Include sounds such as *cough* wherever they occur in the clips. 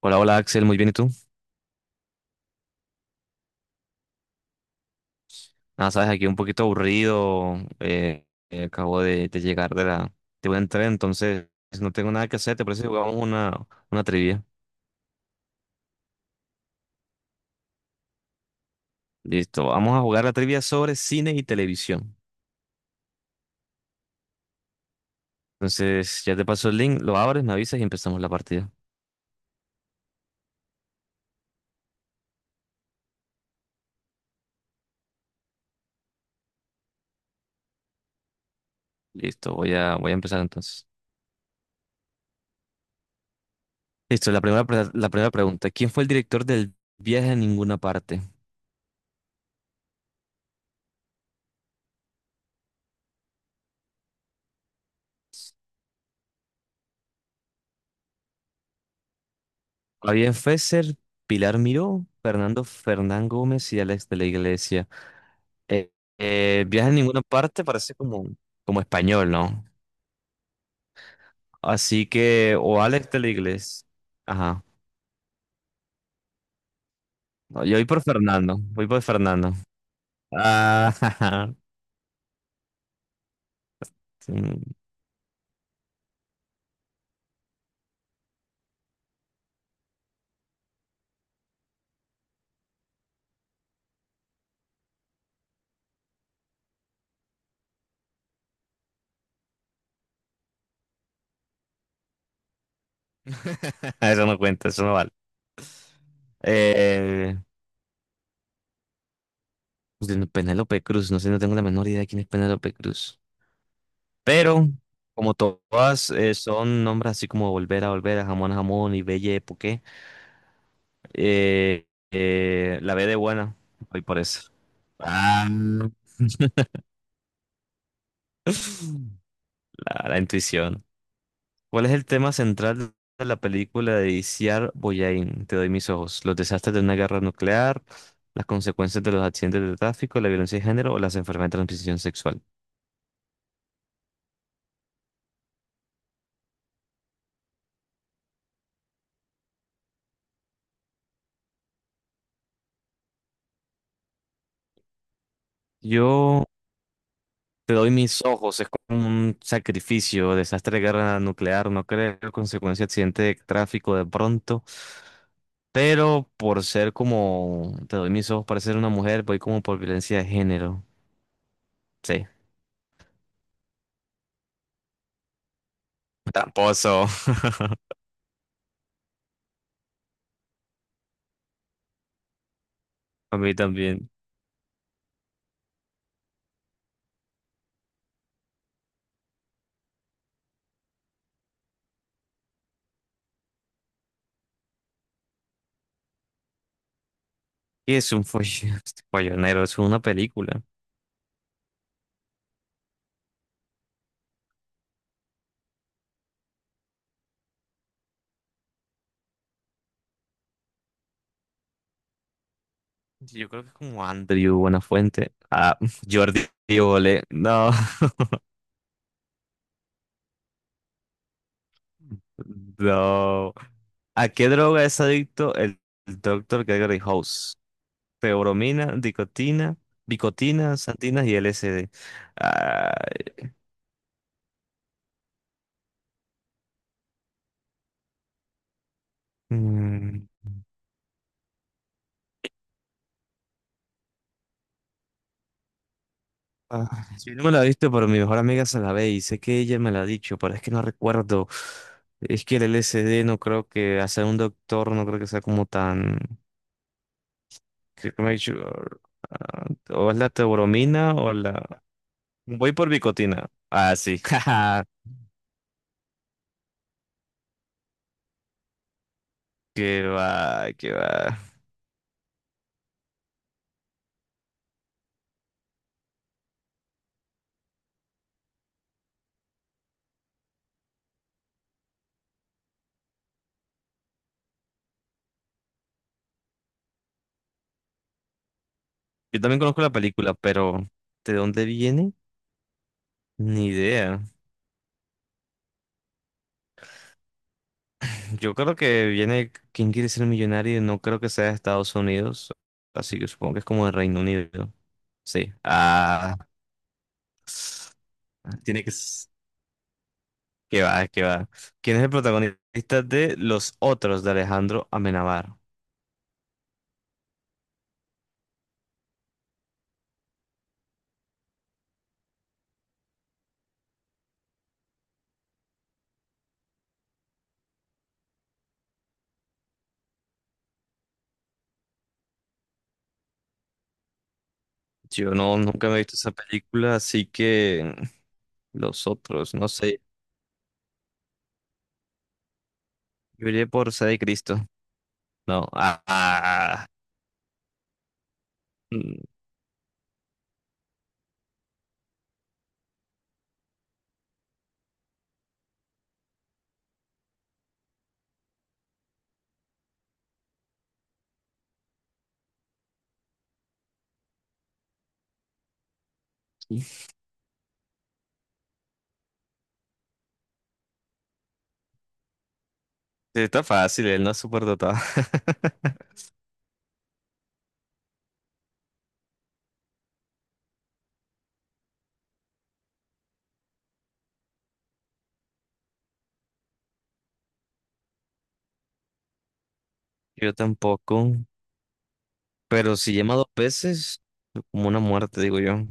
Hola, hola Axel, muy bien, ¿y tú? Ah, sabes, aquí un poquito aburrido, eh, acabo de llegar de de un entreno, entonces no tengo nada que hacer, ¿te parece que jugamos una trivia? Listo, vamos a jugar la trivia sobre cine y televisión. Entonces, ya te paso el link, lo abres, me avisas y empezamos la partida. Listo, voy a empezar entonces. Listo, la primera pregunta, ¿quién fue el director del Viaje a Ninguna Parte? Fabián Fesser, Pilar Miró, Fernando Fernán Gómez y Alex de la Iglesia. Eh, viaja en ninguna parte, parece como español, ¿no? Así que, o Alex de la Iglesia. Ajá. No, yo voy por Fernando, voy por Fernando. Ah, *laughs* sí. *laughs* Eso no cuenta, eso no vale. Eh, pues, de Penélope Cruz, no sé, no tengo la menor idea de quién es Penélope Cruz. Pero, como todas son nombres así como Volver a Volver, a Jamón y Belle Époque, eh, la B de buena, voy por eso. Ah. *laughs* La intuición. ¿Cuál es el tema central de la película de Iciar Boyain? Te doy mis ojos. Los desastres de una guerra nuclear, las consecuencias de los accidentes de tráfico, la violencia de género o las enfermedades de transmisión sexual. Yo te doy mis ojos. Es como un sacrificio, desastre de guerra nuclear, no creo, consecuencia de accidente de tráfico de pronto. Pero por ser como, te doy mis ojos para ser una mujer, voy como por violencia de género. Sí. Tramposo. *laughs* A mí también. ¿Qué es un *laughs* follonero? Es una película. Yo creo que es como Andrew Buenafuente. Ah, *laughs* Jordi Évole. No, *laughs* no. ¿A qué droga es adicto el doctor Gregory House? Teobromina, dicotina, bicotina, santinas y LSD. Ay, mm, ah, yo no me la he visto, pero mi mejor amiga se la ve y sé que ella me la ha dicho, pero es que no recuerdo. Es que el LSD no creo que, hacer un doctor, no creo que sea como tan. Sí, make sure. Ah, o es la teobromina o la... Voy por bicotina. Ah, sí. *laughs* Jaja. Qué va, qué va. Yo también conozco la película, pero ¿de dónde viene? Ni idea. Yo creo que viene ¿Quién quiere ser millonario? No creo que sea de Estados Unidos. Así que supongo que es como de Reino Unido. Sí. Ah. Tiene que... s- Qué va, que va. ¿Quién es el protagonista de Los Otros de Alejandro Amenábar? Yo no, nunca me he visto esa película, así que los otros, no sé. Yo iría por Sede de Cristo. No. Mm, está fácil, él no es superdotado. *laughs* Yo tampoco. Pero si llama dos veces, como una muerte, digo yo.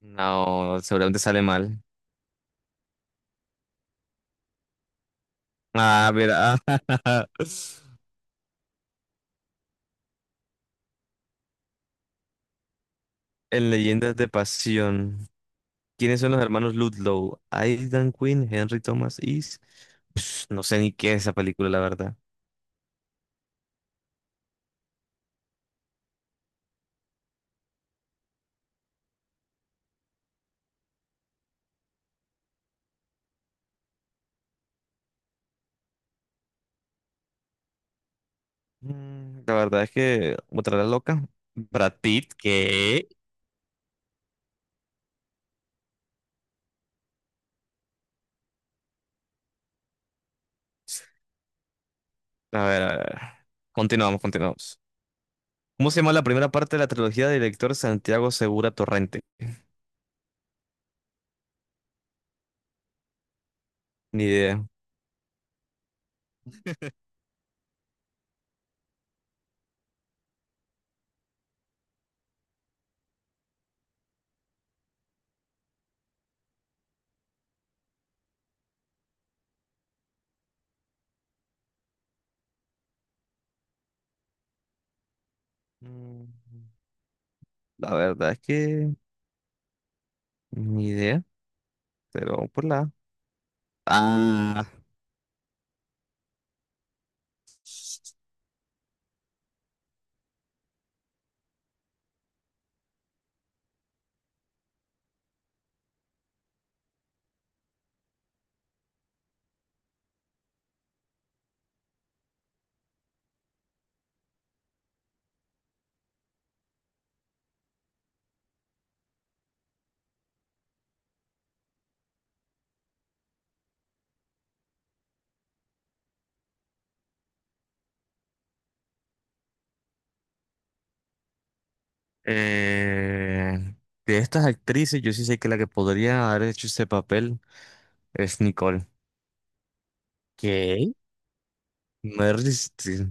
No, seguramente sale mal. Ah, mira. *laughs* En Leyendas de Pasión. ¿Quiénes son los hermanos Ludlow? Aidan Quinn, Henry Thomas East. Pss, no sé ni qué es esa película, la verdad. Mm, la verdad es que otra la loca. Brad Pitt, que... A ver, a ver. Continuamos, continuamos. ¿Cómo se llama la primera parte de la trilogía del director Santiago Segura Torrente? Ni idea. Mm, la verdad es que... Ni idea, pero vamos por la... A. Ah, eh, de estas actrices, yo sí sé que la que podría haber hecho ese papel es Nicole. ¿Qué? Meryl Streep.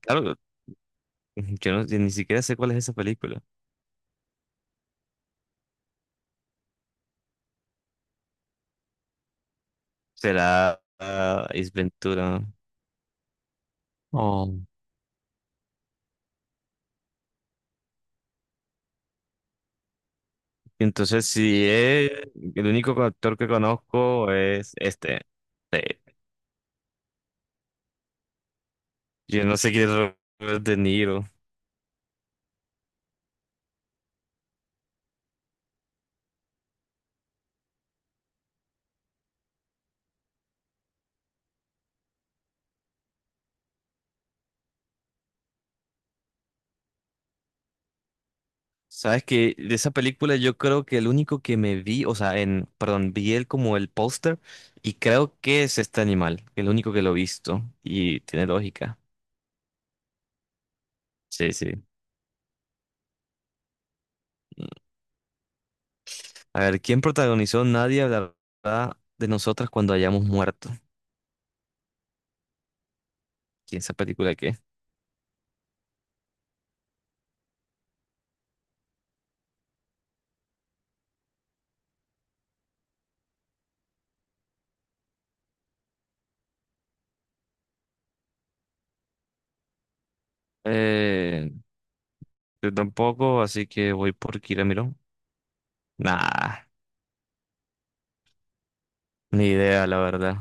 Claro, yo ni siquiera sé cuál es esa película. Será ah, Ace Ventura. Oh. Entonces, si es el único actor que conozco es este. Sí. Yo no sé quién es Robert De Niro. Sabes que de esa película yo creo que el único que me vi, o sea, en, perdón, vi él como el póster y creo que es este animal, el único que lo he visto y tiene lógica. Sí, sí. A ver, ¿quién protagonizó Nadie hablará de nosotras cuando hayamos muerto? ¿Quién esa película qué? Eh, Yo tampoco, así que voy por Kiramiro. Nah, ni idea, la verdad.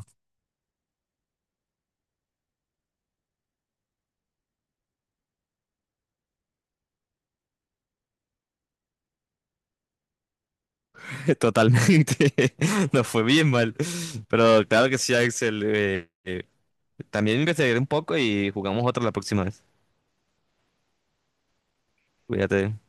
*laughs* Totalmente. *laughs* No fue bien mal. Pero claro que sí, Axel. También investigaré un poco y jugamos otra la próxima vez. Cuídate.